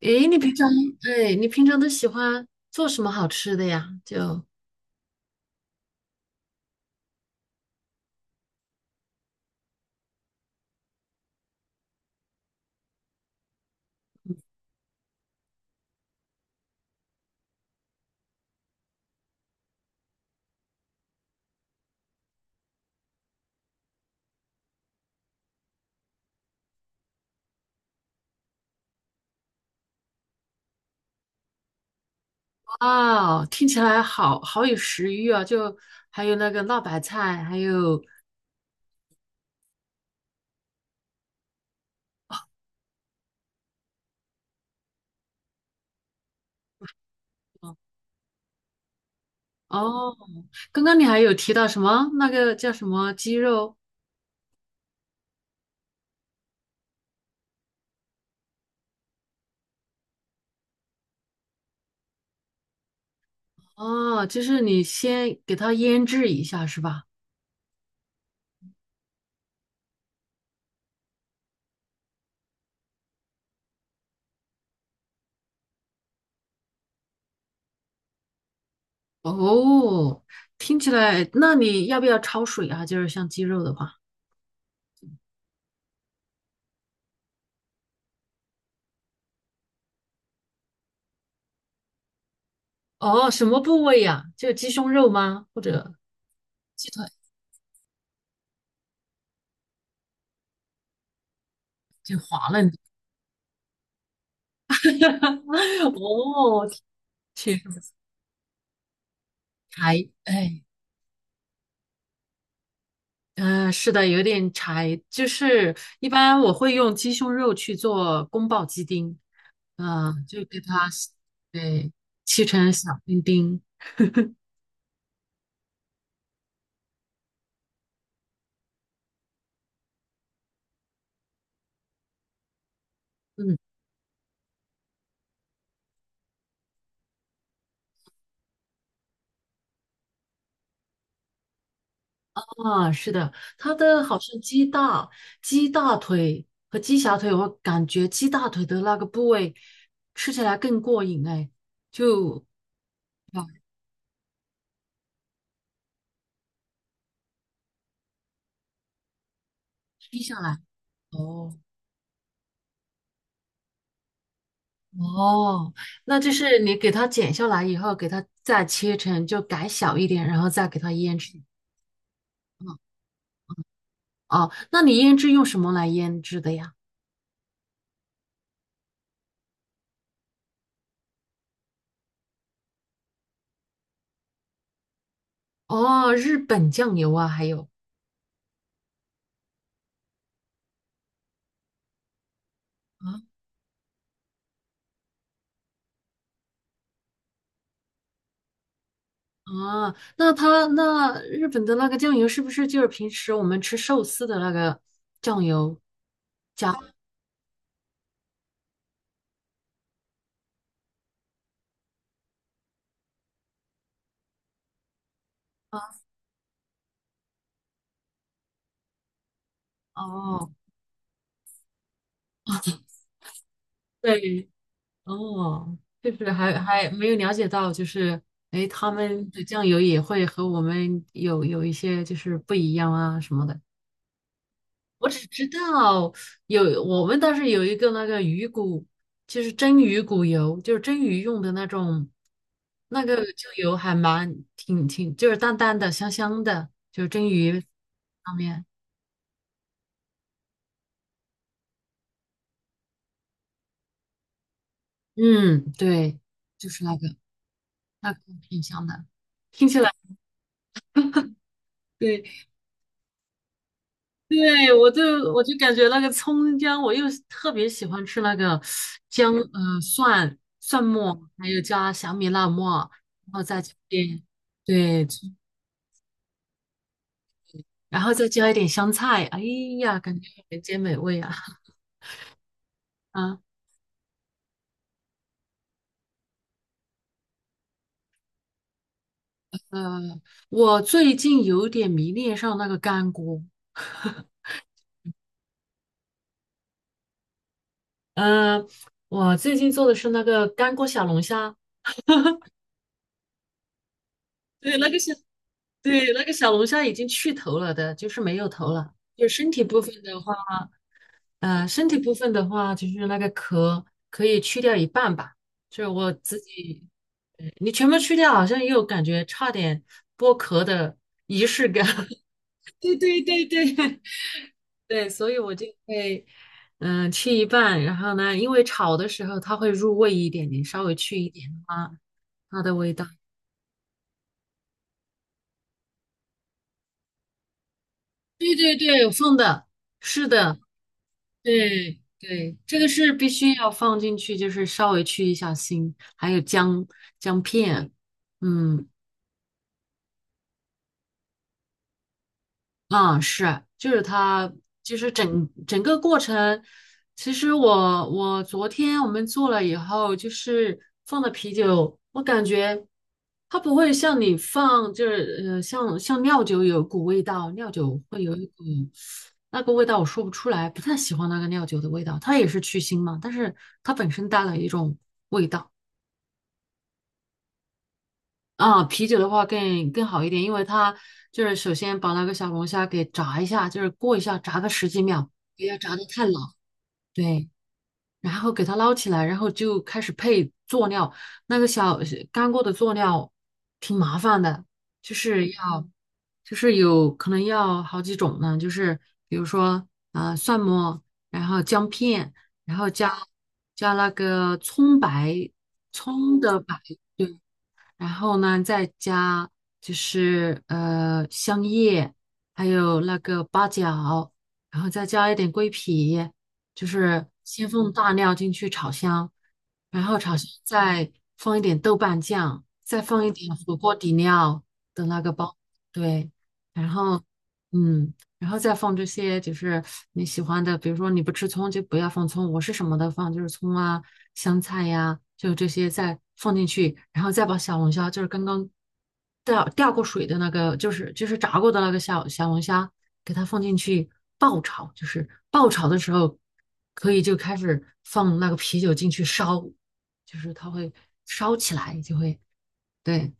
诶，你平常，哎，你平常都喜欢做什么好吃的呀？就，哇，听起来好好有食欲啊！就还有那个辣白菜，还有哦，刚刚你还有提到什么那个叫什么鸡肉？哦，就是你先给它腌制一下是吧？哦，听起来，那你要不要焯水啊？就是像鸡肉的话。哦，什么部位呀？就鸡胸肉吗？或者鸡腿就滑嫩的，哦，天柴哎，嗯、是的，有点柴。就是一般我会用鸡胸肉去做宫保鸡丁，嗯、就给它对切成小丁丁。嗯，啊，是的，它的好像鸡大、鸡大腿和鸡小腿，我感觉鸡大腿的那个部位吃起来更过瘾哎，就把劈下来。哦哦，那就是你给它剪下来以后，给它再切成就改小一点，然后再给它腌制。嗯哦，那你腌制用什么来腌制的呀？哦，日本酱油啊，还有。啊。啊，那他那日本的那个酱油是不是就是平时我们吃寿司的那个酱油加啊？哦，对，哦，就是还还没有了解到，就是哎，诶他们的酱油也会和我们有一些就是不一样啊什么的。我只知道有我们倒是有一个那个鱼骨，就是蒸鱼骨油，就是蒸鱼用的那种，那个就油还蛮挺挺，就是淡淡的、香香的，就是蒸鱼上面。嗯，对，就是那个，那个挺香的，听起来。对对，我就我就感觉那个葱姜，我又特别喜欢吃那个姜，蒜末，还有加小米辣末，然后再加点对，然后再加一点香菜，哎呀，感觉人间美味啊！啊，呃，我最近有点迷恋上那个干锅，呃，我最近做的是那个干锅小龙虾，对，那个小，对，那个小龙虾已经去头了的，就是没有头了。就身体部分的话，身体部分的话，就是那个壳可以去掉一半吧，就是我自己，对你全部去掉，好像又感觉差点剥壳的仪式感。对对对对 对，所以我就会，嗯、吃一半，然后呢，因为炒的时候它会入味一点，点，稍微去一点啊，它的味道。对对对，放的，是的，对对，这个是必须要放进去，就是稍微去一下腥，还有姜姜片，嗯，啊，是，就是它，就是整整个过程。其实我昨天我们做了以后，就是放的啤酒，我感觉它不会像你放，就是像料酒有股味道，料酒会有一股那个味道，我说不出来，不太喜欢那个料酒的味道。它也是去腥嘛，但是它本身带了一种味道。啊，啤酒的话更好一点，因为它就是首先把那个小龙虾给炸一下，就是过一下，炸个十几秒，不要炸的太老。对，然后给它捞起来，然后就开始配佐料。那个小干锅的佐料挺麻烦的，就是要嗯就是有可能要好几种呢，就是比如说啊、蒜末，然后姜片，然后加加那个葱白，葱的白。对。然后呢，再加就是香叶，还有那个八角，然后再加一点桂皮，就是先放大料进去炒香，然后炒香再放一点豆瓣酱，再放一点火锅底料的那个包，对，然后嗯。然后再放这些就是你喜欢的，比如说你不吃葱就不要放葱，我是什么的放，就是葱啊、香菜呀、就这些再放进去，然后再把小龙虾，就是刚刚掉过水的那个，就是就是炸过的那个小龙虾，给它放进去爆炒，就是爆炒的时候可以就开始放那个啤酒进去烧，就是它会烧起来，就会对，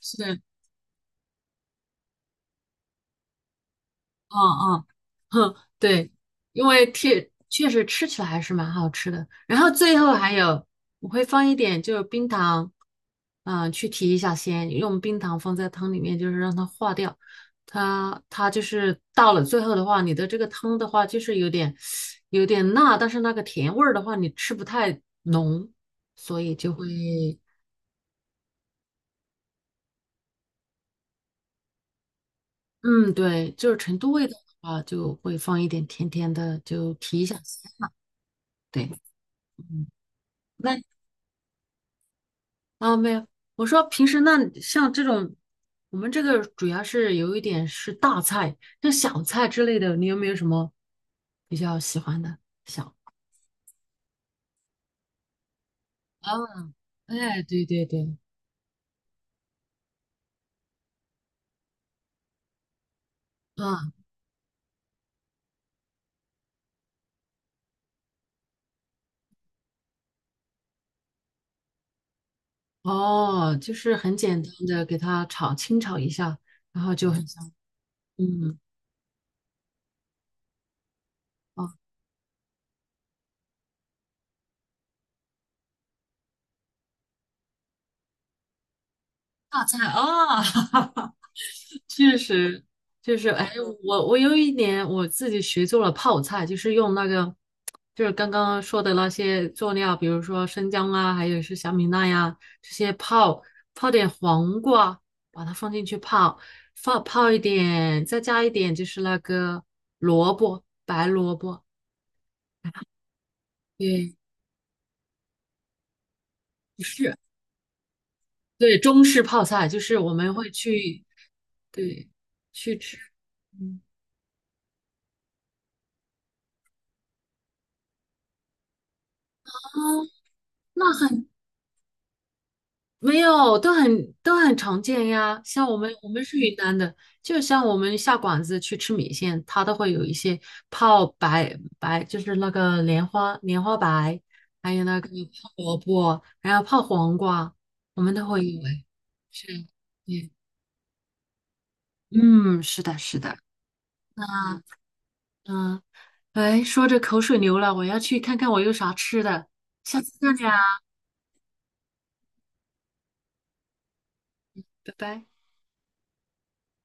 是，嗯嗯。嗯，对，因为确确实吃起来还是蛮好吃的。然后最后还有，我会放一点就是冰糖，嗯、去提一下鲜，用冰糖放在汤里面，就是让它化掉。它就是到了最后的话，你的这个汤的话就是有点有点辣，但是那个甜味儿的话你吃不太浓，所以就会，嗯，对，就是成都味道的话就会放一点甜甜的，就提一下鲜。对，嗯。那。啊，没有，我说平时那像这种，我们这个主要是有一点是大菜，像小菜之类的，你有没有什么比较喜欢的小？啊，哎，对对对，啊，哦，就是很简单的给它炒，清炒一下，然后就很香。嗯，哦，大菜啊，确实，就是，哎，我有一年我自己学做了泡菜，就是用那个，就是刚刚说的那些佐料，比如说生姜啊，还有是小米辣呀、这些泡，泡点黄瓜，把它放进去泡，放泡一点，再加一点就是那个萝卜，白萝卜，对，不是，对，中式泡菜，就是我们会去，对，去吃，嗯。啊，那很没有，都很都很常见呀。像我们是云南的，就像我们下馆子去吃米线，它都会有一些泡白白，就是那个莲花白，还有那个泡萝卜，还有泡黄瓜，我们都会有诶。是，对，嗯，是的，是的。那嗯，哎，说着口水流了，我要去看看我有啥吃的，下次再聊，拜拜。